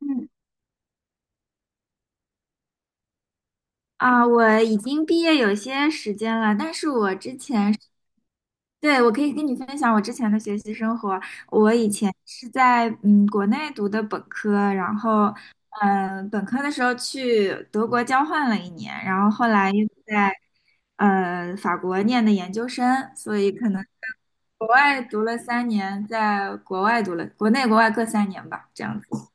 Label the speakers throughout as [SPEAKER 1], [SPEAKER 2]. [SPEAKER 1] 嗯啊，我已经毕业有些时间了，但是我之前是，对，我可以跟你分享我之前的学习生活。我以前是在国内读的本科，然后本科的时候去德国交换了一年，然后后来又在法国念的研究生，所以可能国外读了三年，在国外读了国内国外各三年吧，这样子。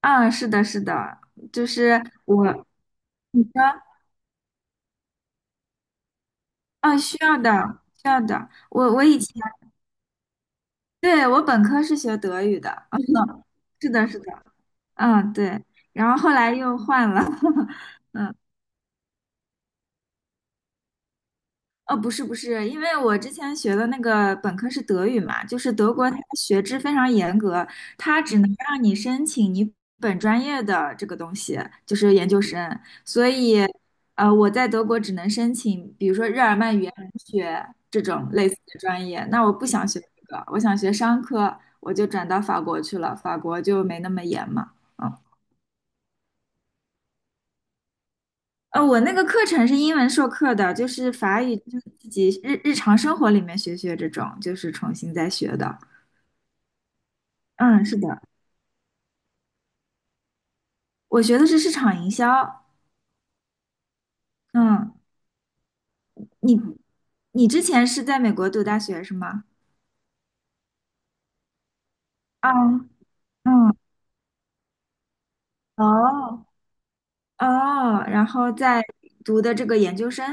[SPEAKER 1] 嗯，是的，是的，就是我，你说。啊，需要的，需要的。我以前，对，我本科是学德语的。啊，是的，是的，嗯，对。然后后来又换了，哦，不是不是，因为我之前学的那个本科是德语嘛，就是德国它的学制非常严格，它只能让你申请你本专业的这个东西，就是研究生。所以，我在德国只能申请，比如说日耳曼语言文学这种类似的专业。那我不想学这个，我想学商科，我就转到法国去了，法国就没那么严嘛。我那个课程是英文授课的，就是法语，就是自己日常生活里面学学这种，就是重新再学的。嗯，是的，我学的是市场营销。嗯，你你之前是在美国读大学是吗？啊，嗯，哦哦，然后在读的这个研究生，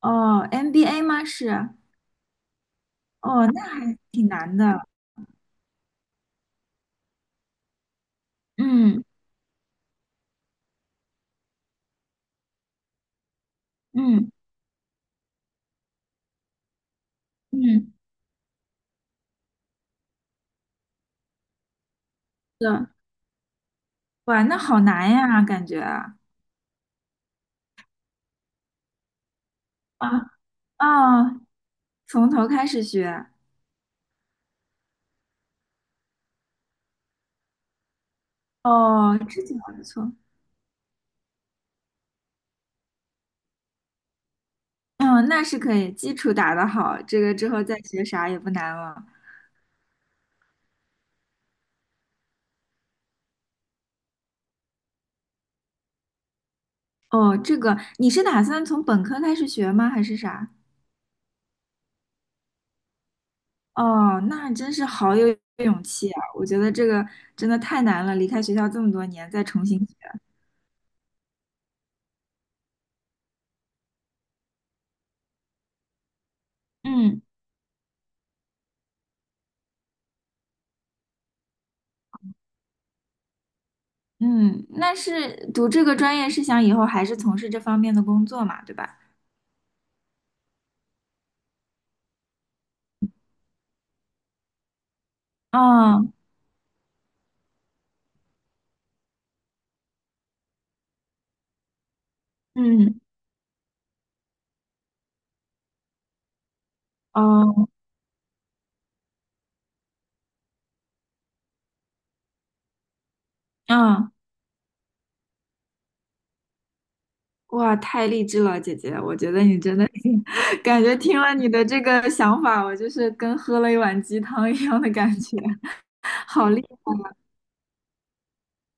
[SPEAKER 1] 哦，MBA 吗？是，哦，那还挺难的。嗯嗯嗯，是的。哇，那好难呀，感觉啊。啊，从头开始学。哦，这就还不错。嗯，那是可以，基础打得好，这个之后再学啥也不难了。哦，这个你是打算从本科开始学吗？还是啥？哦，那真是好有勇气啊！我觉得这个真的太难了，离开学校这么多年再重新学。嗯嗯，那是读这个专业是想以后还是从事这方面的工作嘛，对吧？嗯嗯哦嗯。哇，太励志了，姐姐！我觉得你真的，感觉听了你的这个想法，我就是跟喝了一碗鸡汤一样的感觉。好厉害啊！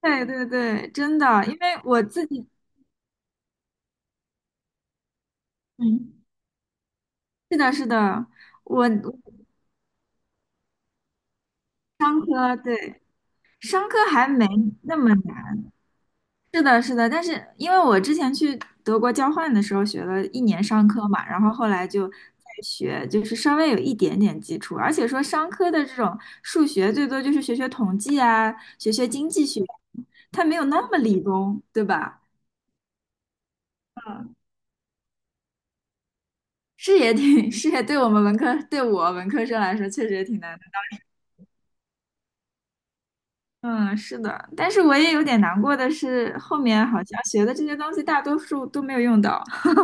[SPEAKER 1] 对对对，真的，因为我自己，嗯，是的，是的，我商科，对，商科还没那么难，是的，是的，但是因为我之前去德国交换的时候学了一年商科嘛，然后后来就在学，就是稍微有一点点基础，而且说商科的这种数学最多就是学学统计啊，学学经济学，它没有那么理工，对吧？是也挺，是也对我们文科，对我文科生来说确实也挺难的。嗯，是的，但是我也有点难过的是，后面好像学的这些东西大多数都没有用到。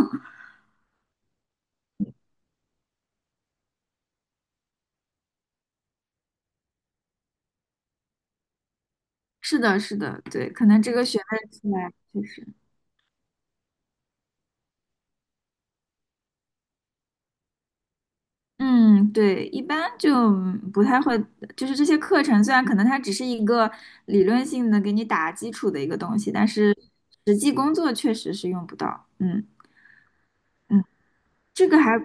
[SPEAKER 1] 是的，是的，对，可能这个学位出来确实。嗯，对，一般就不太会，就是这些课程虽然可能它只是一个理论性的给你打基础的一个东西，但是实际工作确实是用不到。嗯嗯。这个还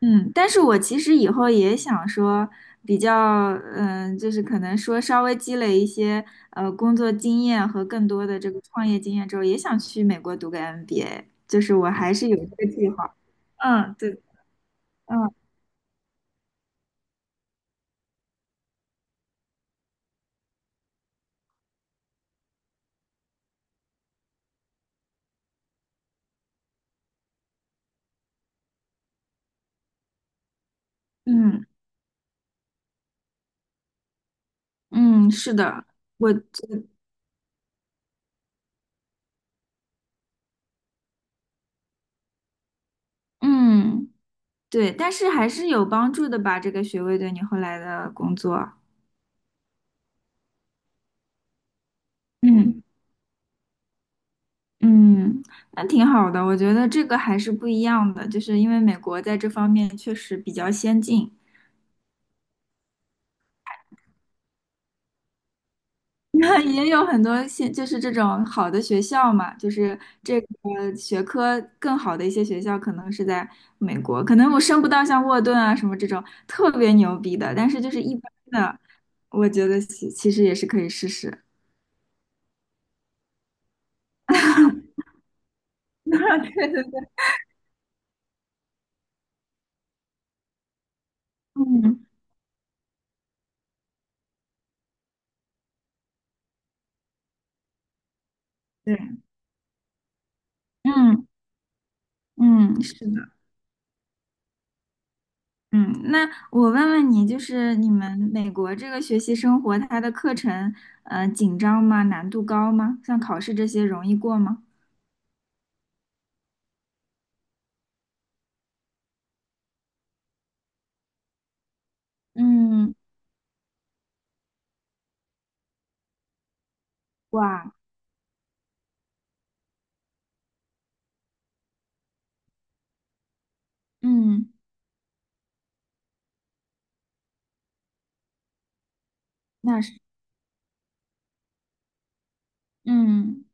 [SPEAKER 1] 嗯，但是我其实以后也想说比较，嗯、就是可能说稍微积累一些工作经验和更多的这个创业经验之后，也想去美国读个 MBA，就是我还是有这个计划。嗯，对，嗯嗯嗯，是的。我。嗯，对，但是还是有帮助的吧，这个学位对你后来的工作。嗯嗯，那挺好的，我觉得这个还是不一样的，就是因为美国在这方面确实比较先进。那也有很多就是这种好的学校嘛，就是这个学科更好的一些学校可能是在美国，可能我升不到像沃顿啊什么这种特别牛逼的，但是就是一般的，我觉得其实也是可以试试。对对对，对，嗯嗯，是的，嗯，那我问问你，就是你们美国这个学习生活，它的课程，紧张吗？难度高吗？像考试这些容易过吗？嗯，哇，嗯，那是，嗯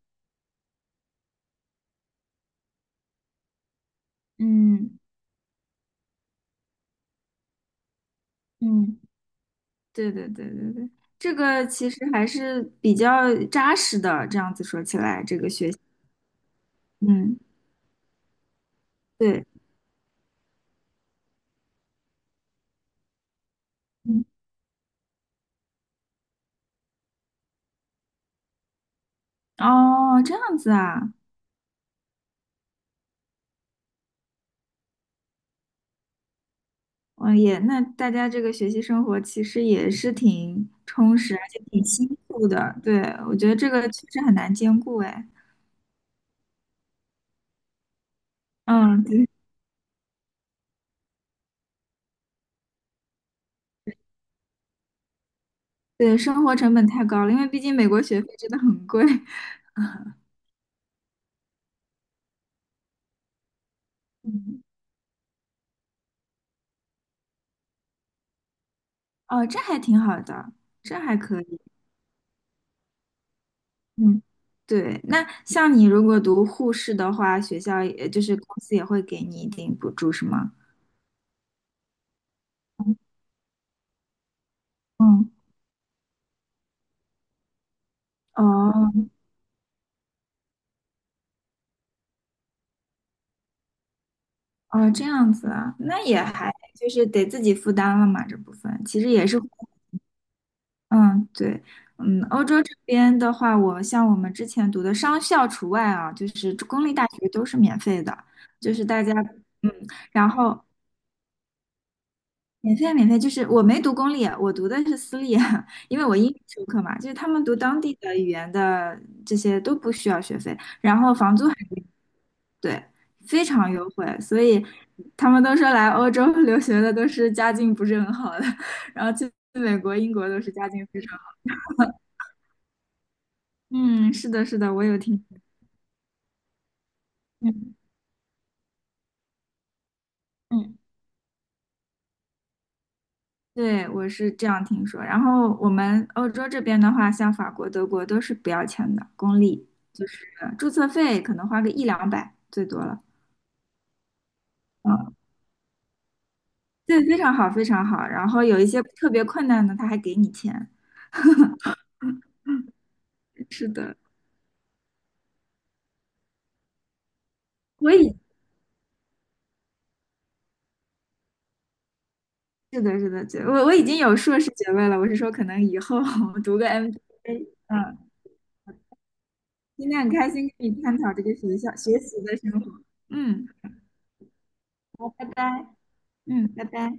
[SPEAKER 1] 嗯嗯，对对对对对，这个其实还是比较扎实的，这样子说起来，这个学习，嗯，对，嗯，哦，这样子啊，嗯，也，那大家这个学习生活其实也是挺充实，而且挺辛苦的。对，我觉得这个确实很难兼顾。哎，嗯，对，对，生活成本太高了，因为毕竟美国学费真的很贵。嗯，哦，这还挺好的，这还可以。嗯，对，那像你如果读护士的话，学校也就是公司也会给你一定补助，是吗？嗯，哦哦，这样子啊，那也还就是得自己负担了嘛，这部分其实也是。嗯，对，嗯，欧洲这边的话，我像我们之前读的商校除外啊，就是公立大学都是免费的，就是大家，嗯，然后免费免费，就是我没读公立，我读的是私立，因为我英语授课嘛，就是他们读当地的语言的这些都不需要学费，房租还，对，非常优惠，所以他们都说来欧洲 留学的都是家境不是很好的。然后去美国、英国都是家境非常好，嗯，是的，是的，我有听。嗯嗯对，我是这样听说。然后我们欧洲这边的话，像法国、德国都是不要钱的，公立，就是注册费可能花个一两百最多了。嗯，对，非常好，非常好。然后有一些特别困难的，他还给你钱。是的，我已是的，是的，对，我已经有硕士学位了。我是说，可能以后 我读个 MBA。嗯，今天很开心跟你探讨这个学校学习的生活。嗯，好，拜拜。嗯，拜拜。